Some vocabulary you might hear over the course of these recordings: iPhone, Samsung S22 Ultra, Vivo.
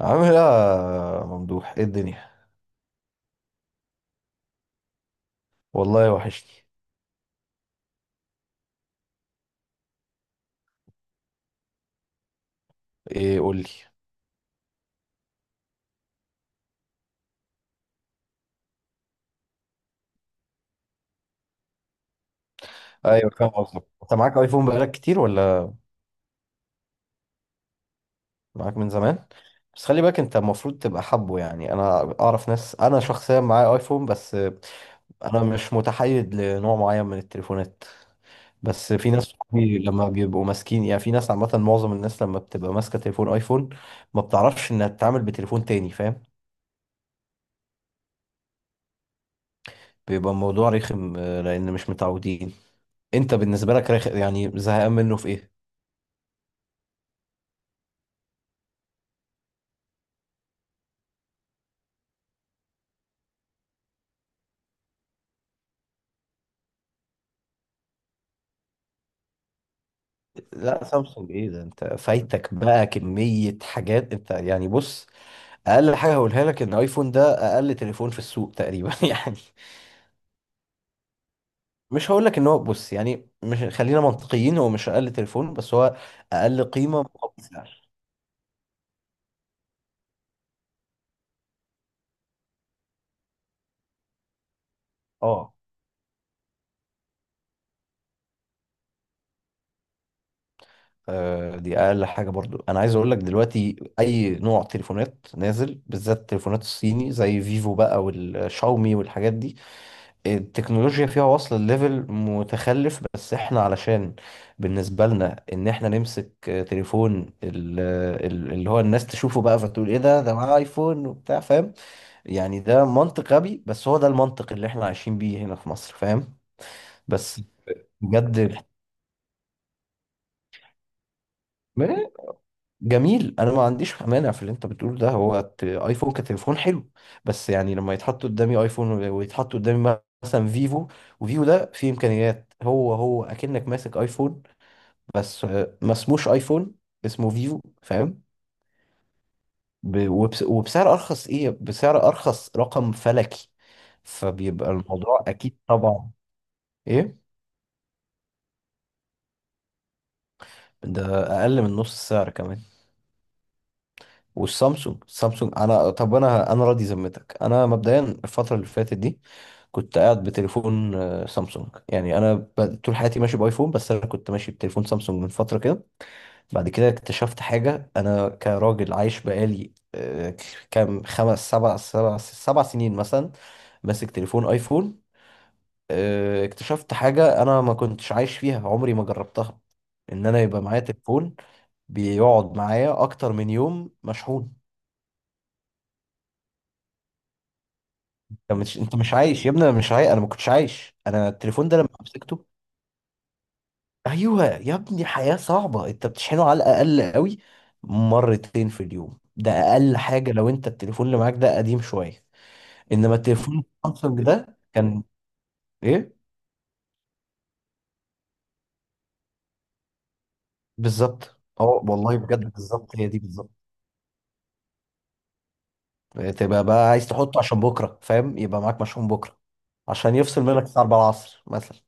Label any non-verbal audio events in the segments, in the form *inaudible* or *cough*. عامل ايه يا ممدوح؟ ايه الدنيا؟ والله وحشني. ايه؟ قول لي. ايوه، فاهم قصدك. انت معاك ايفون بقالك كتير ولا؟ معاك من زمان. بس خلي بالك، انت المفروض تبقى حابه، يعني انا اعرف ناس. انا شخصيا معايا ايفون، بس انا مش متحيز لنوع معين من التليفونات. بس في ناس صحابي لما بيبقوا ماسكين، يعني في ناس عامه، معظم الناس لما بتبقى ماسكه تليفون ايفون ما بتعرفش انها تتعامل بتليفون تاني، فاهم؟ بيبقى الموضوع رخم لان مش متعودين. انت بالنسبه لك يعني زهقان منه في ايه؟ لا سامسونج، ايه ده؟ انت فايتك بقى كمية حاجات. انت يعني بص، اقل حاجة هقولها لك ان ايفون ده اقل تليفون في السوق تقريبا *laughs* يعني. مش هقول لك ان هو، بص، يعني مش، خلينا منطقيين، هو مش اقل تليفون، بس هو اقل قيمة مقابل سعر. اه. دي اقل حاجة برضو. انا عايز اقول لك دلوقتي اي نوع تليفونات نازل، بالذات التليفونات الصيني زي فيفو بقى والشاومي والحاجات دي، التكنولوجيا فيها واصلة لليفل متخلف. بس احنا، علشان بالنسبة لنا ان احنا نمسك تليفون اللي هو الناس تشوفه بقى فتقول ايه ده، ده معاه ايفون وبتاع، فاهم يعني؟ ده منطق غبي، بس هو ده المنطق اللي احنا عايشين بيه هنا في مصر، فاهم؟ بس بجد، ما- جميل. انا ما عنديش مانع في اللي انت بتقول ده، هو ايفون كتليفون حلو، بس يعني لما يتحط قدامي ايفون ويتحط قدامي مثلا فيفو، وفيفو ده فيه امكانيات هو هو اكنك ماسك ايفون، بس ما اسموش ايفون، اسمه فيفو، فاهم؟ وبسعر ارخص، ايه، بسعر ارخص رقم فلكي. فبيبقى الموضوع اكيد طبعا، ايه، ده اقل من نص السعر كمان. والسامسونج، السامسونج انا، طب انا، انا راضي ذمتك، انا مبدئيا الفتره اللي فاتت دي كنت قاعد بتليفون سامسونج. يعني انا طول حياتي ماشي بايفون، بس انا كنت ماشي بتليفون سامسونج من فتره كده. بعد كده اكتشفت حاجة. أنا كراجل عايش بقالي كام، خمس سبع سبع سبع سنين مثلا ماسك تليفون آيفون. اكتشفت حاجة أنا ما كنتش عايش فيها، عمري ما جربتها. إن أنا يبقى معايا تليفون بيقعد معايا أكتر من يوم مشحون. أنت مش، أنت مش عايش يا ابني. أنا مش عايش، أنا ما كنتش عايش. أنا التليفون ده لما مسكته، أيوه يا ابني، حياة صعبة. أنت بتشحنه على الأقل قوي مرتين في اليوم، ده أقل حاجة، لو أنت التليفون اللي معاك ده قديم شوية. انما التليفون سامسونج ده كان، ايه، بالظبط اه، والله بجد بالظبط، هي دي بالظبط. تبقى بقى عايز تحطه عشان بكره، فاهم؟ يبقى معاك مشحون بكره، عشان يفصل منك الساعه 4 العصر مثلا.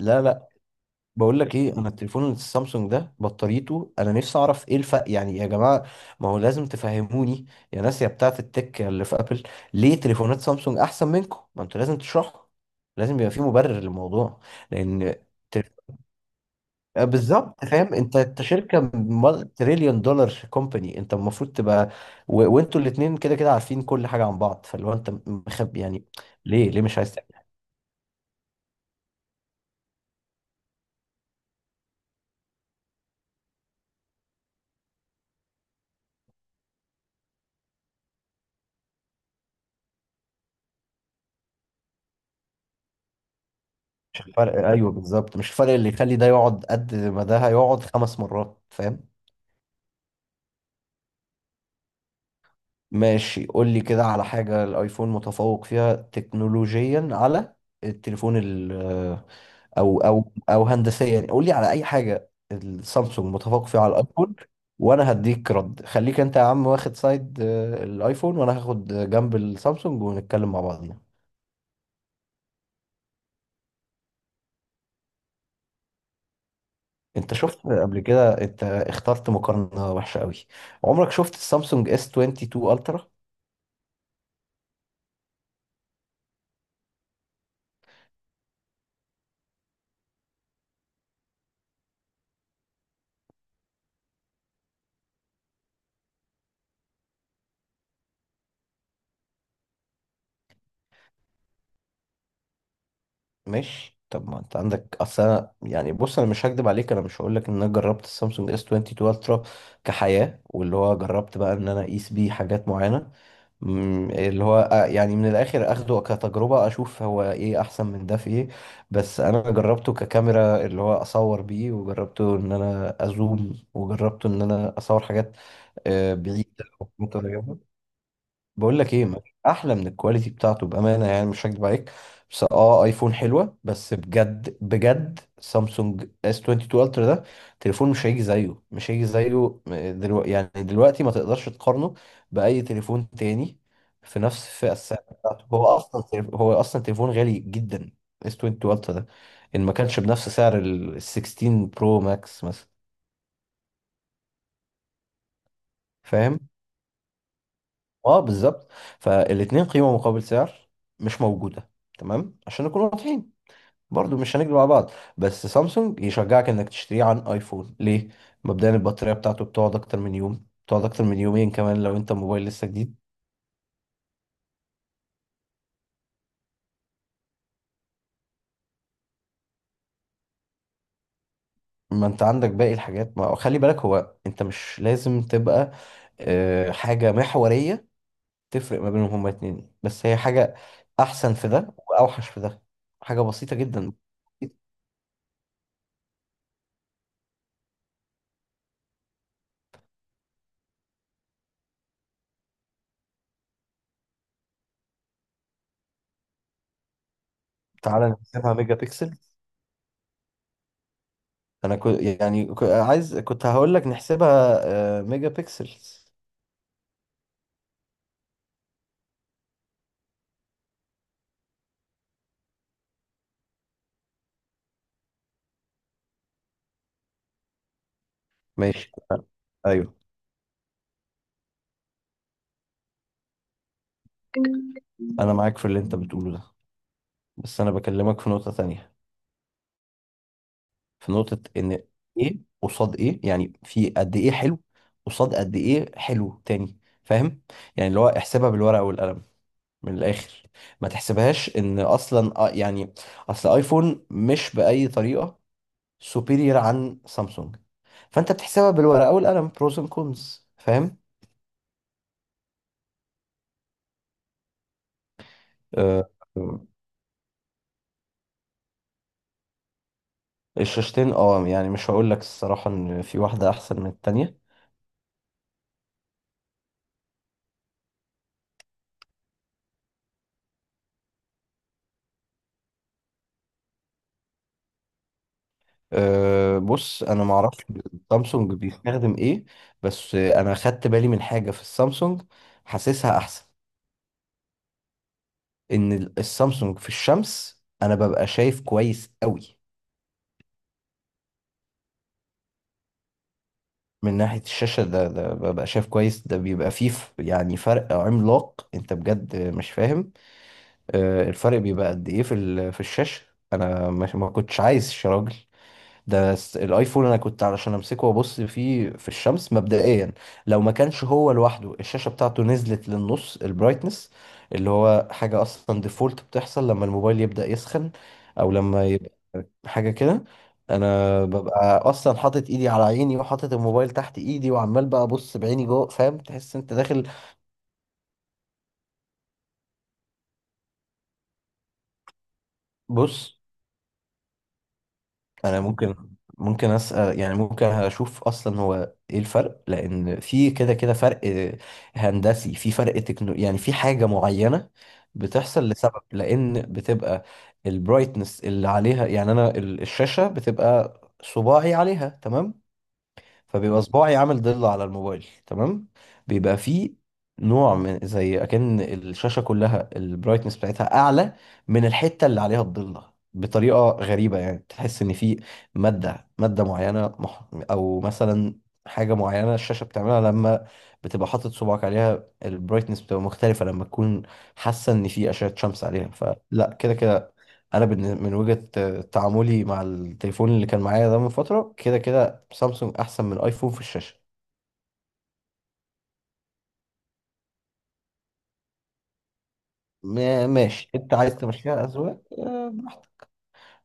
لا، لا. بقول لك ايه، انا التليفون السامسونج ده بطاريته، انا نفسي اعرف ايه الفرق، يعني يا جماعه ما هو لازم تفهموني. يا ناس يا بتاعه التك اللي في ابل، ليه تليفونات سامسونج احسن منكم؟ ما انتوا لازم تشرحوا، لازم يبقى في مبرر للموضوع. لان بالظبط، فاهم؟ انت، انت شركه تريليون دولار كومباني، انت المفروض تبقى، وانتوا الاثنين كده كده عارفين كل حاجه عن بعض، فاللي هو انت مخبي يعني، ليه، ليه مش عايز تعمل؟ مش الفرق *laughs* ايوه بالظبط، مش الفرق اللي يخلي ده يقعد قد ما ده هيقعد 5 مرات، فاهم؟ ماشي، قول لي كده على حاجه الايفون متفوق فيها تكنولوجيا على التليفون، او او او هندسيا، يعني قول لي على اي حاجه السامسونج متفوق فيها على الايفون، وانا هديك رد. خليك انت يا عم واخد سايد الايفون، وانا هاخد جنب السامسونج، ونتكلم مع بعضنا. انت شفت قبل كده؟ انت اخترت مقارنه وحشه قوي. عمرك شفت السامسونج اس 22 الترا؟ ماشي، طب ما انت عندك، اصل يعني بص، انا مش هكدب عليك، انا مش هقول لك ان انا جربت السامسونج اس 22 الترا كحياه واللي هو جربت بقى ان انا اقيس بيه حاجات معينه. اللي هو يعني من الاخر اخده كتجربة اشوف هو ايه احسن من ده في ايه. بس انا جربته ككاميرا، اللي هو اصور بيه، وجربته ان انا ازوم، وجربته ان انا اصور حاجات بعيدة ومتغيرة. بقول لك ايه، مفيش احلى من الكواليتي بتاعته، بامانه يعني، مش هكدب عليك. بس اه، ايفون حلوه، بس بجد بجد، سامسونج اس 22 الترا ده تليفون مش هيجي زيه، مش هيجي زيه دلوقتي. يعني دلوقتي ما تقدرش تقارنه باي تليفون تاني في نفس فئه السعر بتاعته. هو اصلا هو اصلا تليفون غالي جدا، اس 22 الترا ده، ان ما كانش بنفس سعر ال 16 برو ماكس مثلا. فاهم؟ اه، بالظبط. فالاتنين قيمة مقابل سعر مش موجودة، تمام؟ عشان نكون واضحين، برضو مش هنكذب على بعض. بس سامسونج يشجعك انك تشتريه عن ايفون ليه؟ مبدئيا البطارية بتاعته بتقعد اكتر من يوم، بتقعد اكتر من يومين كمان لو انت موبايل لسه جديد. ما انت عندك باقي الحاجات. ما خلي بالك، هو انت مش لازم تبقى حاجة محورية تفرق ما بينهم هما اتنين، بس هي حاجة احسن في ده واوحش في ده، حاجة بسيطة جدا. تعالى نقسمها ميجا بيكسل. انا كنت يعني عايز، كنت هقول لك نحسبها ميجا بيكسلز. ماشي، ايوه، انا معاك في اللي انت بتقوله ده، بس انا بكلمك في نقطة تانية، في نقطة ان، ايه قصاد ايه، يعني في قد ايه حلو قصاد قد ايه حلو تاني، فاهم؟ يعني اللي هو احسبها بالورقة والقلم، من الاخر. ما تحسبهاش ان اصلا يعني اصل ايفون مش بأي طريقة سوبيريور عن سامسونج، فانت بتحسبها بالورقة والقلم، بروز اند كونز، فاهم؟ آه، الشاشتين، اه، يعني مش هقول لك الصراحة ان في واحدة احسن من التانية. أه، بص انا معرفش سامسونج بيستخدم ايه. بس انا خدت بالي من حاجة في السامسونج، حاسسها احسن. ان السامسونج في الشمس انا ببقى شايف كويس قوي، من ناحية الشاشة. ده ببقى شايف كويس، ده بيبقى فيه، يعني فرق عملاق، انت بجد مش فاهم. أه الفرق بيبقى قد ايه في في الشاشة. انا ما كنتش عايز يا راجل، ده الايفون انا كنت علشان امسكه وابص فيه في الشمس مبدئيا، لو ما كانش هو لوحده الشاشه بتاعته نزلت للنص البرايتنس، اللي هو حاجه اصلا ديفولت بتحصل لما الموبايل يبدا يسخن، او لما يبقى حاجه كده. انا ببقى اصلا حاطط ايدي على عيني وحاطط الموبايل تحت ايدي وعمال بقى ابص بعيني جوه، فاهم؟ تحس انت داخل. بص انا ممكن، ممكن اسال، يعني ممكن اشوف اصلا هو ايه الفرق، لان في كده كده فرق هندسي، في فرق تكنو، يعني في حاجه معينه بتحصل لسبب، لان بتبقى البرايتنس اللي عليها، يعني انا الشاشه بتبقى صباعي عليها، تمام؟ فبيبقى صباعي عامل ضلة على الموبايل، تمام؟ بيبقى فيه نوع من زي اكن الشاشة كلها البرايتنس بتاعتها اعلى من الحتة اللي عليها الضلة، بطريقة غريبة، يعني تحس ان في مادة معينة او مثلا حاجة معينة الشاشة بتعملها لما بتبقى حاطط صباعك عليها، البرايتنس بتبقى مختلفة لما تكون حاسة ان في اشعة شمس عليها. فلا كده كده انا من وجهة تعاملي مع التليفون اللي كان معايا ده من فترة كده كده، سامسونج احسن من ايفون في الشاشه. ماشي، انت عايز تمشيها اذواق براحتك،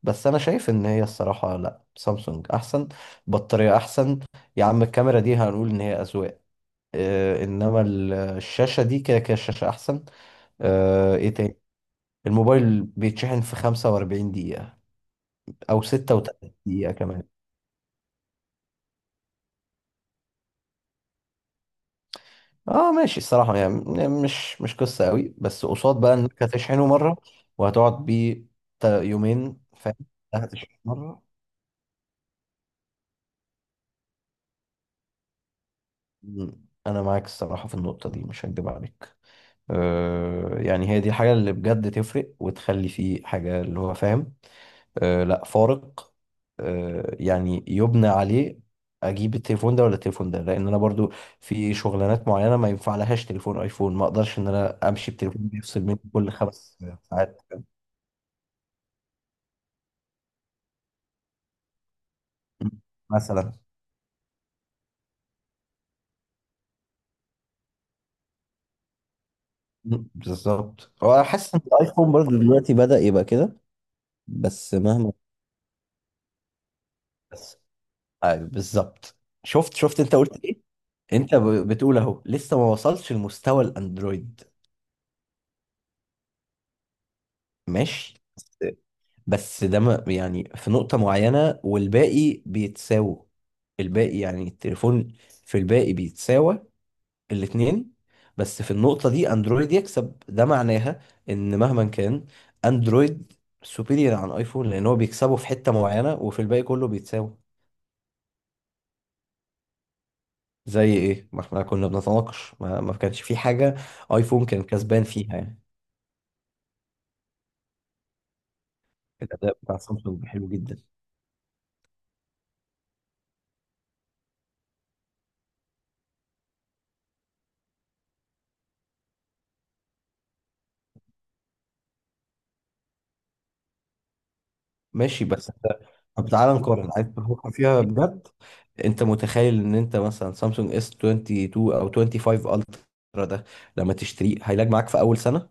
بس انا شايف ان هي الصراحه لا، سامسونج احسن. بطاريه احسن. يا عم الكاميرا دي هنقول ان هي اذواق انما الشاشه دي كده كده الشاشه احسن. ايه تاني؟ الموبايل بيتشحن في 45 دقيقه، او 36 دقيقه كمان. اه ماشي، الصراحه يعني مش، مش قصه قوي، بس قصاد بقى انك هتشحنه مره وهتقعد بيه يومين، فاهم؟ هتشحن مره. انا معاك الصراحه في النقطه دي، مش هكدب عليك. أه يعني هي دي الحاجه اللي بجد تفرق وتخلي فيه حاجه اللي هو، فاهم؟ أه، لا، فارق. أه يعني يبنى عليه، اجيب التليفون ده ولا التليفون ده، لان انا برضو في شغلانات معينه ما ينفع لهاش تليفون ايفون، ما اقدرش ان انا امشي بتليفون بيفصل مني كل 5 ساعات. مم. مثلا، بالظبط. هو أنا حاسس ان الايفون برضو دلوقتي بدأ يبقى كده، بس مهما بالظبط. شفت، انت قلت ايه؟ انت بتقول اهو لسه ما وصلش لمستوى الاندرويد. ماشي، بس ده ما يعني في نقطة معينة والباقي بيتساووا، الباقي يعني التليفون في الباقي بيتساوى الاتنين، بس في النقطة دي اندرويد يكسب، ده معناها ان مهما كان، اندرويد سوبيريور عن ايفون، لان هو بيكسبه في حتة معينة وفي الباقي كله بيتساوى. زي ايه؟ ما احنا كنا بنتناقش ما كانش في حاجه ايفون كان كسبان فيها يعني. الاداء بتاع سامسونج حلو جدا. ماشي بس انت، طب تعالى نقارن، عايز تفكر فيها بجد؟ انت متخيل ان انت مثلا سامسونج اس 22 او 25 الترا ده لما تشتريه هيلاقي معاك في اول سنه؟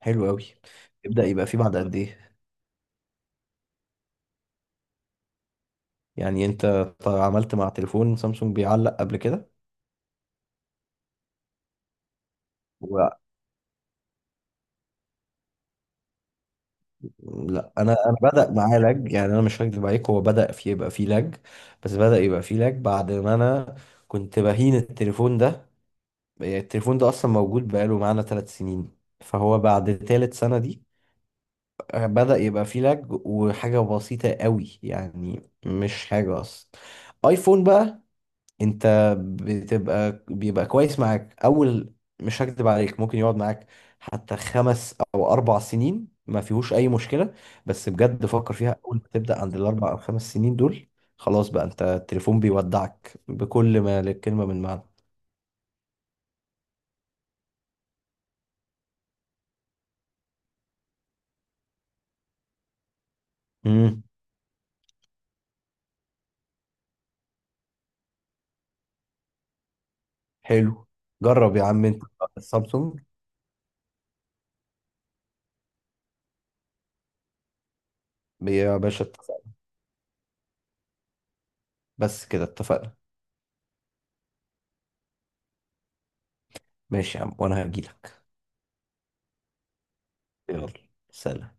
حلو قوي. يبدا يبقى فيه بعد قد ايه يعني؟ انت عملت مع تليفون سامسونج بيعلق قبل كده؟ لا انا، انا بدأ معايا لاج، يعني انا مش هكدب عليك، هو بدأ في يبقى فيه لاج، بس بدأ يبقى فيه لاج بعد ما انا كنت بهين التليفون ده. يعني التليفون ده اصلا موجود بقاله معانا 3 سنين، فهو بعد ثالث سنة دي بدأ يبقى فيه لاج، وحاجة بسيطة قوي يعني، مش حاجة اصلا. ايفون بقى، انت بتبقى، بيبقى كويس معاك اول، مش هكدب عليك، ممكن يقعد معاك حتى 5 أو 4 سنين ما فيهوش اي مشكلة. بس بجد فكر فيها، اول ما تبدأ عند ال 4 أو 5 سنين دول، خلاص بقى، انت التليفون بيودعك بكل ما للكلمة من معنى. امم حلو. جرب يا عم انت السامسونج. يا باشا اتفقنا. بس كده اتفقنا. ماشي يا عم، وانا هجيلك. يلا، سلام.